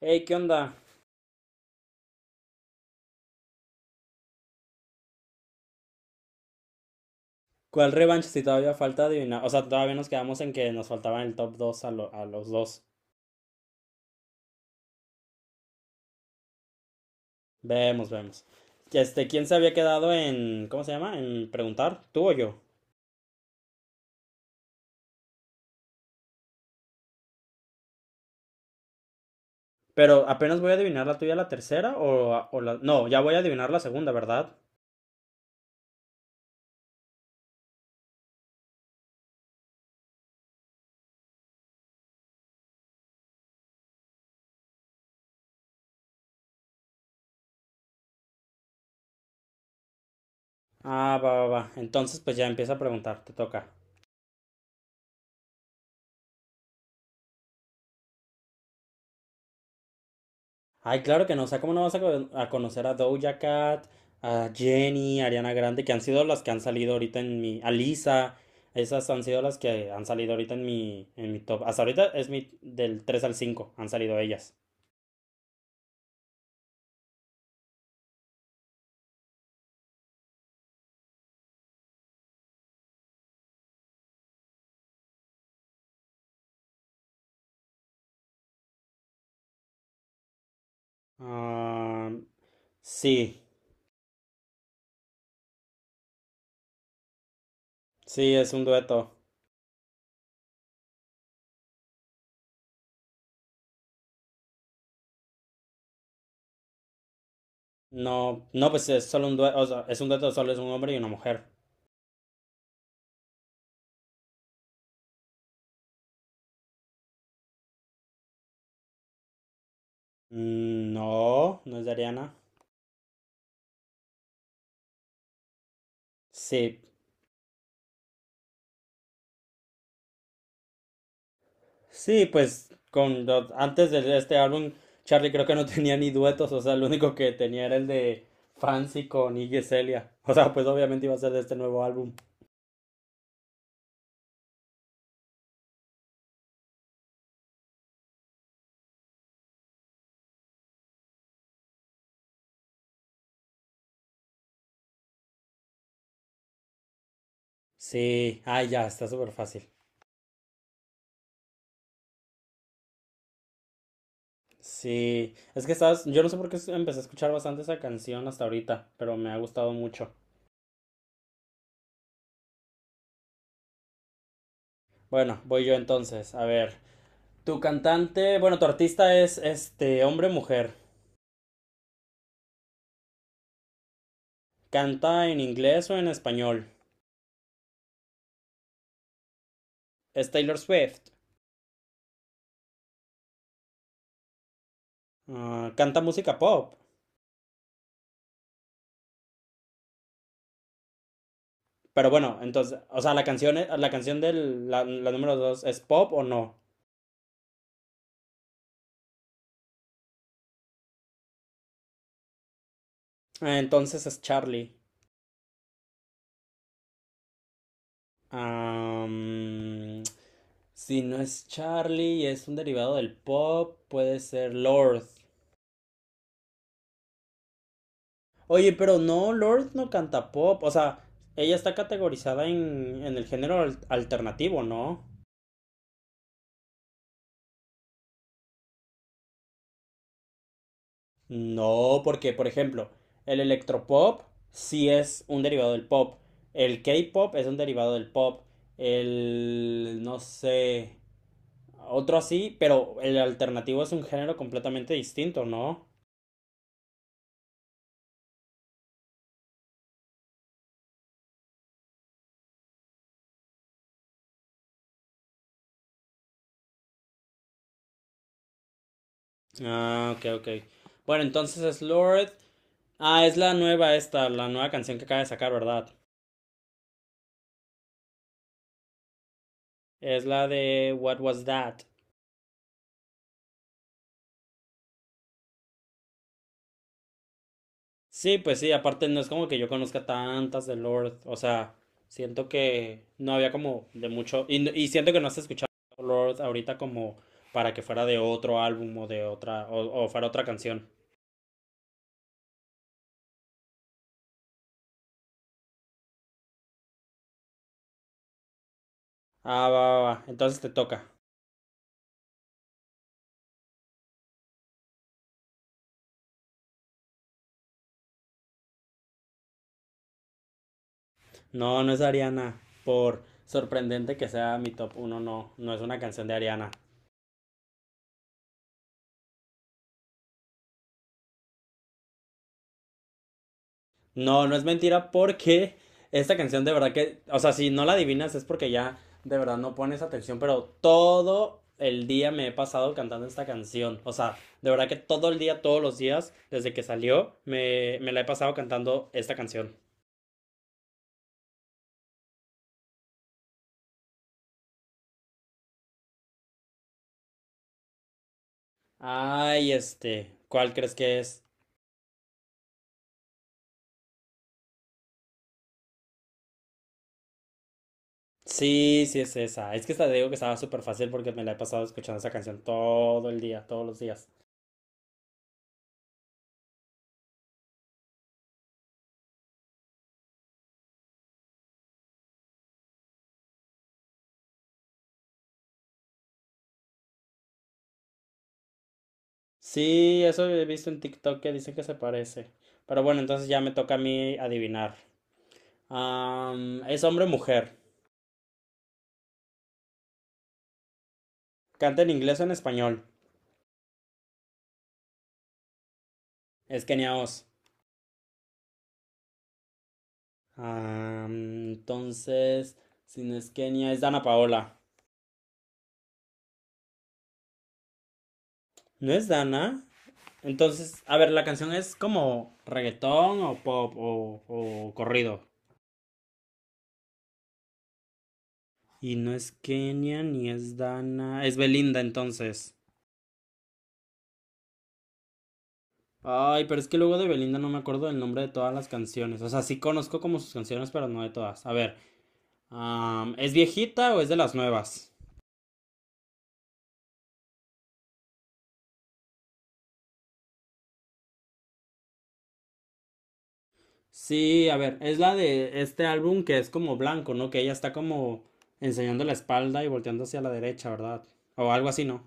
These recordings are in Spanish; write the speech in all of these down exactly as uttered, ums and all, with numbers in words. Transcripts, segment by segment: Hey, ¿qué onda? ¿Cuál revancha si todavía falta adivinar? O sea, todavía nos quedamos en que nos faltaban el top dos a, lo- a los dos. Vemos, vemos. Este, ¿quién se había quedado en, ¿cómo se llama?, en preguntar, tú o yo? Pero apenas voy a adivinar la tuya, la tercera o, o la... No, ya voy a adivinar la segunda, ¿verdad? Ah, va, va, va. Entonces, pues ya empieza a preguntar, te toca. Ay, claro que no. O sea, ¿cómo no vas a, co- a conocer a Doja Cat, a Jenny, a Ariana Grande, que han sido las que han salido ahorita en mi... A Lisa, esas han sido las que han salido ahorita en mi, en mi top. Hasta ahorita es mi... del tres al cinco han salido ellas. Ah, sí, sí, es un dueto. No, no, pues es solo un dueto, o sea, es un dueto, solo es un hombre y una mujer. Mm, no, no es de Ariana. Sí. Sí, pues con los- antes de este álbum, Charlie creo que no tenía ni duetos, o sea, el único que tenía era el de Fancy con Iggy Celia. O sea, pues obviamente iba a ser de este nuevo álbum. Sí, ay ya, está súper fácil. Sí, es que sabes, yo no sé por qué empecé a escuchar bastante esa canción hasta ahorita, pero me ha gustado mucho. Bueno, voy yo entonces, a ver. Tu cantante, bueno, tu artista, ¿es este hombre o mujer? ¿Canta en inglés o en español? Es Taylor Swift. Ah, ¿canta música pop? Pero bueno, entonces, o sea, la canción, es- la canción de la, la número dos, ¿es pop o no? Ah, entonces es Charlie. Am, si no es Charlie y es un derivado del pop, puede ser Lord. Oye, pero no, Lord no canta pop. O sea, ella está categorizada en, en el género alternativo, ¿no? No, porque, por ejemplo, el electropop sí es un derivado del pop. El K-pop es un derivado del pop. El, no sé, otro así, pero el alternativo es un género completamente distinto, ¿no? Ah, ok, ok. Bueno, entonces es Lord. Ah, es la nueva esta, la nueva canción que acaba de sacar, ¿verdad? Es la de What Was That? Sí, pues sí, aparte no es como que yo conozca tantas de Lord, o sea, siento que no había como de mucho, y, no- y siento que no has escuchado Lord ahorita como para que fuera de otro álbum o de otra, o, o fuera otra canción. Ah, va, va, va, entonces te toca. No, no es de Ariana, por sorprendente que sea mi top uno, no, no es una canción de Ariana. No, no es mentira porque esta canción de verdad que, o sea, si no la adivinas es porque ya de verdad no pones atención, pero todo el día me he pasado cantando esta canción. O sea, de verdad que todo el día, todos los días, desde que salió, me, me la he pasado cantando esta canción. Ay, este, ¿cuál crees que es? Sí, sí es esa. Es que esta, te digo que estaba súper fácil porque me la he pasado escuchando esa canción todo el día, todos los días. Sí, eso he visto en TikTok que dicen que se parece. Pero bueno, entonces ya me toca a mí adivinar. Am, ¿es hombre o mujer? ¿Canta en inglés o en español? Es Kenia Os. Am, entonces, si no es Kenia, es Dana Paola. ¿No es Dana? Entonces, a ver, la canción es como reggaetón o pop o, o corrido. Y no es Kenia ni es Dana. Es Belinda entonces. Ay, pero es que luego de Belinda no me acuerdo del nombre de todas las canciones. O sea, sí conozco como sus canciones, pero no de todas. A ver, am, ¿es viejita o es de las nuevas? Sí, a ver, es la de este álbum que es como blanco, ¿no? Que ella está como enseñando la espalda y volteando hacia la derecha, ¿verdad? O algo así, ¿no?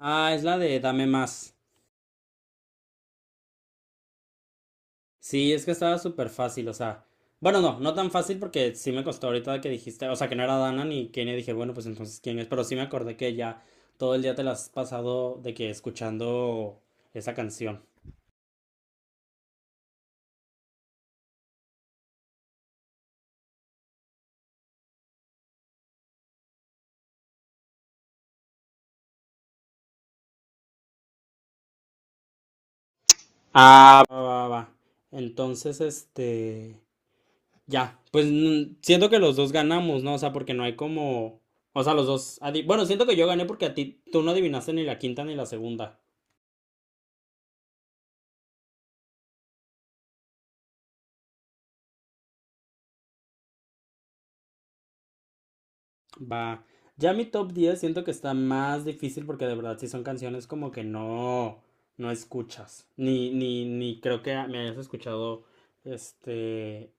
Ah, es la de Dame Más. Sí, es que estaba súper fácil, o sea, bueno, no, no tan fácil porque sí me costó ahorita que dijiste, o sea, que no era Dana ni Kenia, dije, bueno, pues entonces quién es, pero sí me acordé que ya todo el día te la has pasado de que escuchando esa canción. Ah, va, va, va. Entonces, este, ya, pues mm, siento que los dos ganamos, ¿no? O sea, porque no hay como, o sea, los dos, adi- bueno, siento que yo gané porque a ti, tú no adivinaste ni la quinta ni la segunda. Va. Ya mi top diez siento que está más difícil porque de verdad sí son canciones como que no, no escuchas. Ni, ni, ni creo que me hayas escuchado este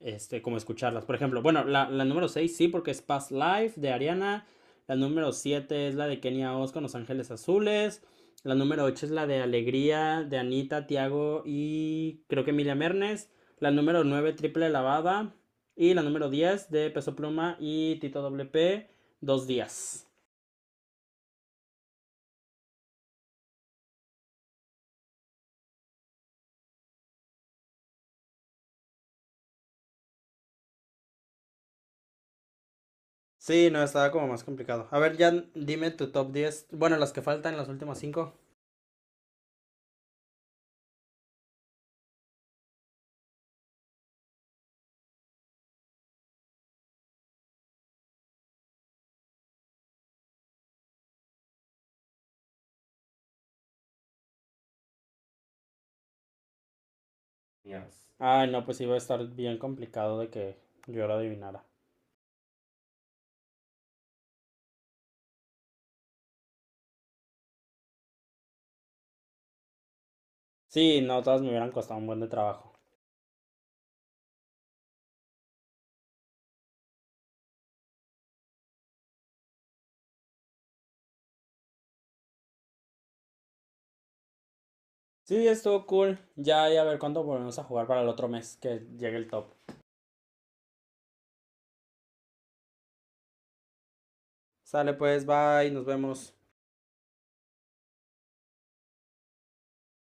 este, como escucharlas. Por ejemplo, bueno, la, la número seis sí, porque es Past Life de Ariana. La número siete es la de Kenia Oz con Los Ángeles Azules. La número ocho es la de Alegría de Anita, Tiago y creo que Emilia Mernes. La número nueve, Triple Lavada. Y la número diez de Peso Pluma y Tito W P, Dos Días. Sí, no, estaba como más complicado. A ver, ya dime tu top diez. Bueno, las que faltan, las últimas cinco. Yes. Ay, no, pues iba a estar bien complicado de que yo lo adivinara. Sí, no, todas me hubieran costado un buen de trabajo. Sí, estuvo cool. Ya, ya a ver cuándo volvemos a jugar para el otro mes que llegue el top. Sale pues, bye, nos vemos.